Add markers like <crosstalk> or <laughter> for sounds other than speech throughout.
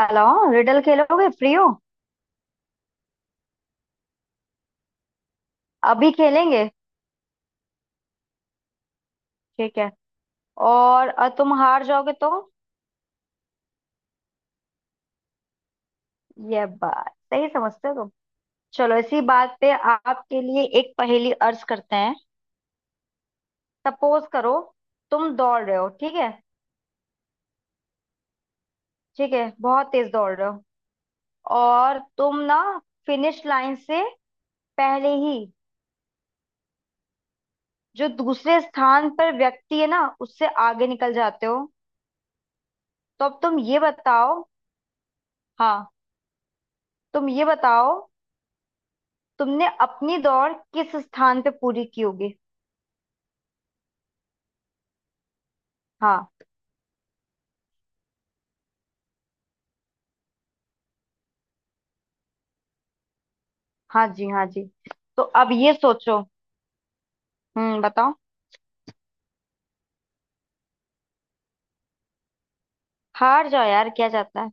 Hello. Riddle खेलोगे? Free हो? अभी खेलेंगे। ठीक है। और तुम हार जाओगे तो? ये बात सही समझते हो तुम। चलो इसी बात पे आपके लिए एक पहेली अर्ज करते हैं। सपोज करो, तुम दौड़ रहे हो, ठीक है? ठीक है बहुत तेज दौड़ रहे हो। और तुम ना फिनिश लाइन से पहले ही जो दूसरे स्थान पर व्यक्ति है ना उससे आगे निकल जाते हो। तो अब तुम ये बताओ। हाँ। तुम ये बताओ, तुमने अपनी दौड़ किस स्थान पे पूरी की होगी? हाँ। हाँ जी, हाँ जी। तो अब ये सोचो। हम्म, बताओ। हार जाओ यार, क्या जाता है।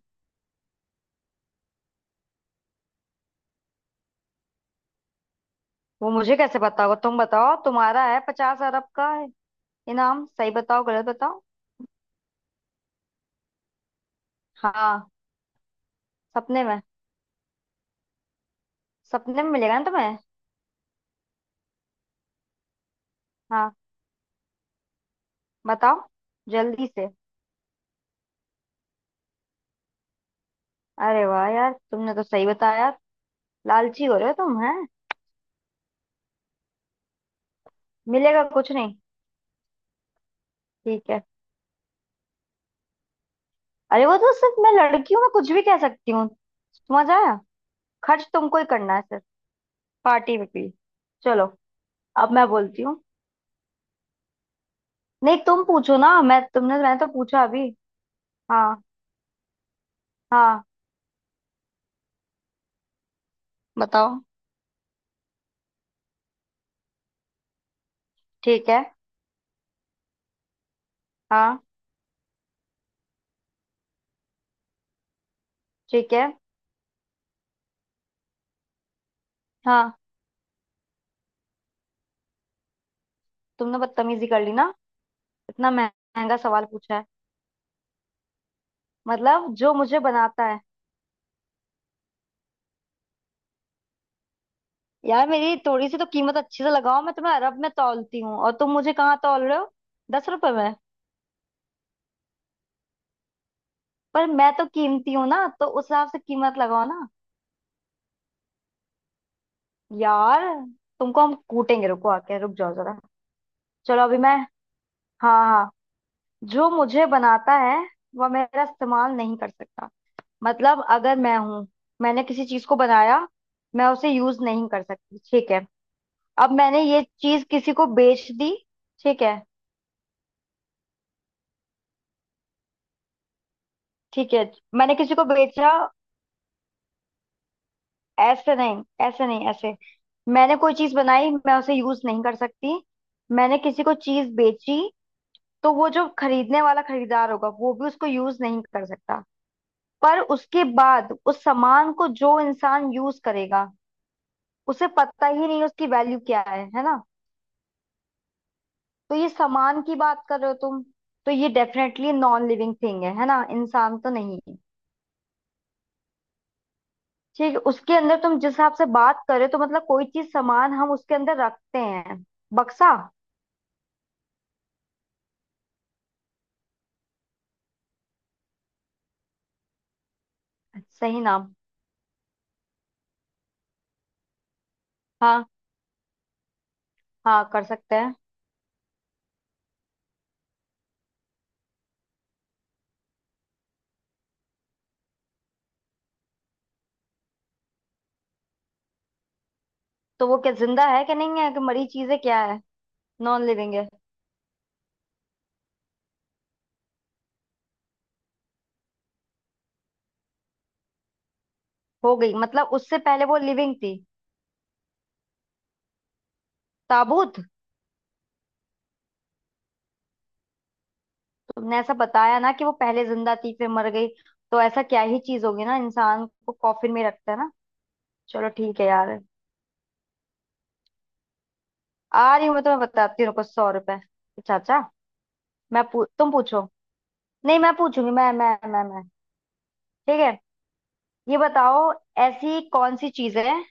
वो मुझे कैसे बताओगे? तुम बताओ, तुम्हारा है 50 अरब का है इनाम। सही बताओ गलत बताओ। हाँ, सपने में। सपने में मिलेगा ना तुम्हें। हाँ, बताओ जल्दी से। अरे वाह यार, तुमने तो सही बताया। लालची हो रहे हो तुम, हैं? मिलेगा कुछ नहीं। ठीक है। अरे वो तो सिर्फ मैं लड़की हूँ, मैं कुछ भी कह सकती हूँ। समझ आया? खर्च तुमको ही करना है पार्टी में भी। चलो अब मैं बोलती हूँ। नहीं तुम पूछो ना, मैं तुमने मैंने तो पूछा अभी। हाँ हाँ, बताओ। ठीक है। हाँ। ठीक है। हाँ। तुमने बदतमीजी कर ली ना। इतना महंगा सवाल पूछा है। मतलब जो मुझे बनाता है। यार मेरी थोड़ी सी तो कीमत अच्छे से लगाओ, मैं तुम्हें अरब में तौलती हूँ और तुम मुझे कहाँ तौल रहे हो, 10 रुपए में। पर मैं तो कीमती हूँ ना, तो उस हिसाब से कीमत लगाओ ना। यार तुमको हम कूटेंगे, रुको आके रुक जाओ जरा। चलो अभी मैं। हाँ हाँ। जो मुझे बनाता है वह मेरा इस्तेमाल नहीं कर सकता। मतलब अगर मैं हूं, मैंने किसी चीज को बनाया, मैं उसे यूज नहीं कर सकती, ठीक है। अब मैंने ये चीज किसी को बेच दी, ठीक है। ठीक है, मैंने किसी को बेचा। ऐसे नहीं, ऐसे नहीं, ऐसे। मैंने कोई चीज बनाई, मैं उसे यूज नहीं कर सकती। मैंने किसी को चीज बेची, तो वो जो खरीदने वाला खरीदार होगा वो भी उसको यूज नहीं कर सकता। पर उसके बाद उस सामान को जो इंसान यूज करेगा उसे पता ही नहीं उसकी वैल्यू क्या है ना? तो ये सामान की बात कर रहे हो तुम? तो ये डेफिनेटली नॉन लिविंग थिंग है ना, इंसान तो नहीं है। ठीक है, उसके अंदर तुम जिस हिसाब से बात कर रहे हो तो मतलब कोई चीज सामान हम उसके अंदर रखते हैं। बक्सा? सही नाम। हाँ, हाँ कर सकते हैं। तो वो क्या जिंदा है कि नहीं है कि मरी चीज है, क्या है? नॉन लिविंग है? हो गई मतलब उससे पहले वो लिविंग थी। ताबूत। तुमने ऐसा बताया ना कि वो पहले जिंदा थी फिर मर गई, तो ऐसा क्या ही चीज होगी ना, इंसान को कॉफिन में रखता है ना। चलो ठीक है यार। आ रही हूँ मैं, तुम्हें बताती हूँ रुको, 100 रुपए। अच्छा अच्छा। तुम पूछो। नहीं मैं पूछूंगी। मैं। ठीक है। ये बताओ, ऐसी कौन सी चीज है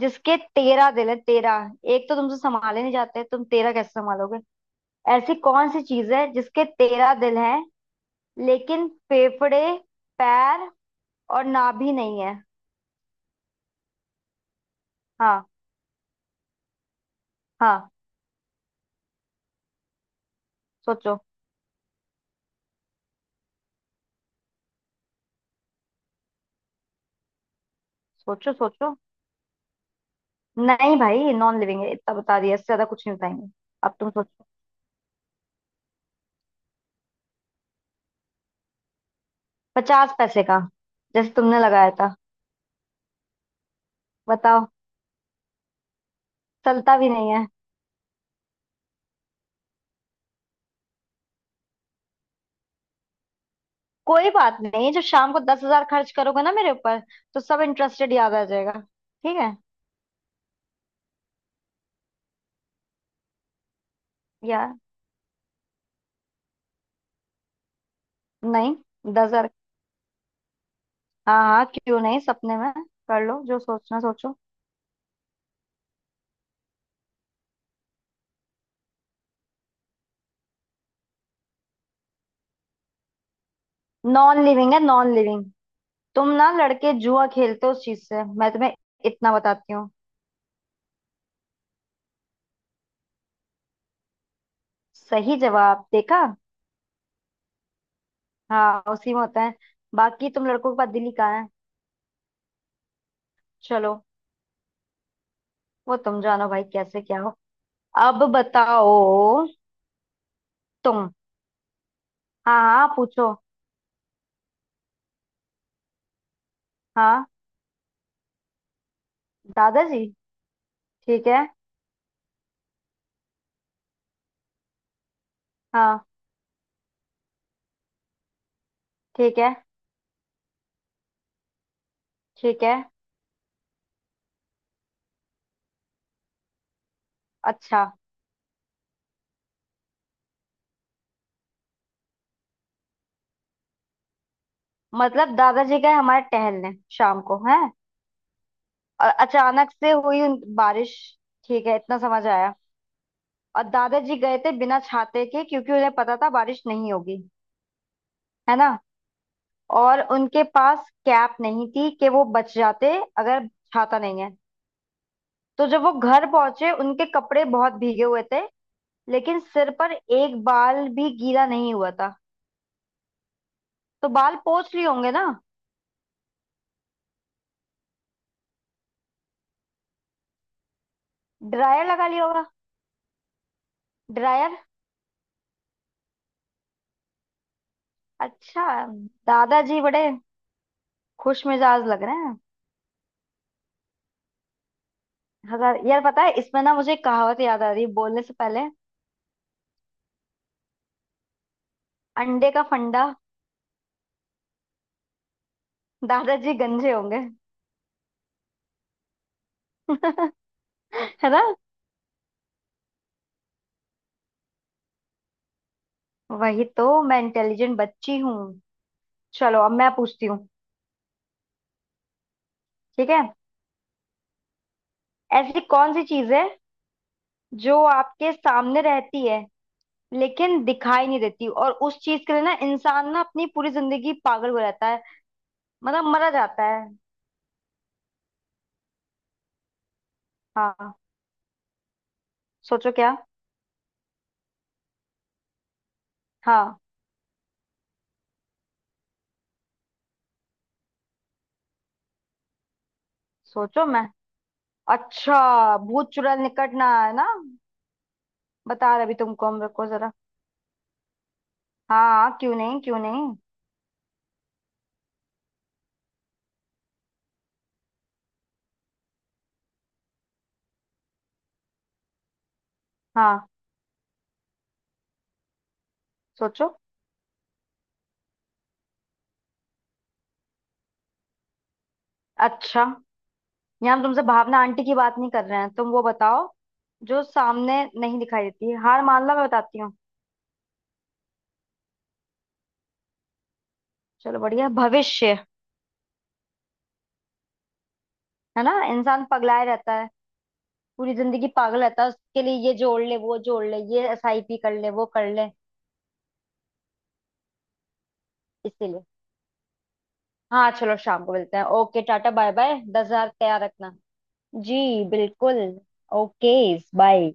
जिसके 13 दिल है? 13, एक तो तुमसे संभाले नहीं जाते, तुम 13 कैसे संभालोगे? ऐसी कौन सी चीज है जिसके तेरह दिल है लेकिन फेफड़े, पैर और नाभि नहीं है? हाँ। हाँ, सोचो सोचो। सोचो, नहीं भाई नॉन लिविंग है, इतना बता दिया, इससे ज्यादा कुछ नहीं बताएंगे। अब तुम सोचो। 50 पैसे का। जैसे तुमने लगाया था। बताओ। चलता भी नहीं है। कोई बात नहीं, जब शाम को 10 हज़ार खर्च करोगे ना मेरे ऊपर तो सब इंटरेस्टेड याद आ जाएगा। ठीक है। यार नहीं। 10 हज़ार? हाँ हाँ, क्यों नहीं, सपने में। कर लो, जो सोचना सोचो। नॉन लिविंग है, नॉन लिविंग। तुम ना लड़के जुआ खेलते हो उस चीज से, मैं तुम्हें इतना बताती हूँ। सही जवाब, देखा। हाँ, उसी में होता है, बाकी तुम लड़कों के पास दिल ही कहाँ है। चलो, वो तुम जानो भाई कैसे क्या हो। अब बताओ। तुम। हाँ हाँ, पूछो। हाँ। दादाजी। ठीक है। हाँ। ठीक है। ठीक है। अच्छा। मतलब दादाजी गए हमारे टहलने शाम को है, और अचानक से हुई बारिश, ठीक है, इतना समझ आया। और दादाजी गए थे बिना छाते के क्योंकि उन्हें पता था बारिश नहीं होगी, है ना। और उनके पास कैप नहीं थी कि वो बच जाते। अगर छाता नहीं है, तो जब वो घर पहुंचे उनके कपड़े बहुत भीगे हुए थे, लेकिन सिर पर एक बाल भी गीला नहीं हुआ था। तो बाल पोंछ लिए होंगे ना। ड्रायर लगा लिया होगा। ड्रायर। अच्छा, दादाजी बड़े खुश मिजाज लग रहे हैं। हजार? यार पता है, इसमें ना मुझे एक कहावत याद आ रही है बोलने से पहले। अंडे का फंडा। दादाजी गंजे होंगे <laughs> है ना? वही तो, मैं इंटेलिजेंट बच्ची हूँ। चलो अब मैं पूछती हूँ। ठीक है। ऐसी कौन सी चीज है जो आपके सामने रहती है लेकिन दिखाई नहीं देती, और उस चीज के लिए ना इंसान ना अपनी पूरी जिंदगी पागल हो जाता है, मतलब मरा जाता है। हाँ। सोचो क्या। हाँ। सोचो मैं, अच्छा भूत चुड़ैल निकट ना आए ना, बता रहे अभी तुमको हम, रुको जरा। हाँ हाँ, क्यों नहीं, क्यों नहीं। हाँ, सोचो। अच्छा, यहाँ हम तुमसे भावना आंटी की बात नहीं कर रहे हैं, तुम वो बताओ जो सामने नहीं दिखाई देती। हार मान लो, मैं बताती हूँ। चलो, बढ़िया, भविष्य। है ना, इंसान पगलाए रहता है, पूरी जिंदगी पागल रहता है उसके लिए, ये जोड़ ले, वो जोड़ ले, ये SIP कर ले, वो कर ले। इसीलिए। हाँ चलो शाम को मिलते हैं, ओके टाटा बाय बाय, 10 हज़ार तैयार रखना। जी, बिल्कुल। ओके। बाय।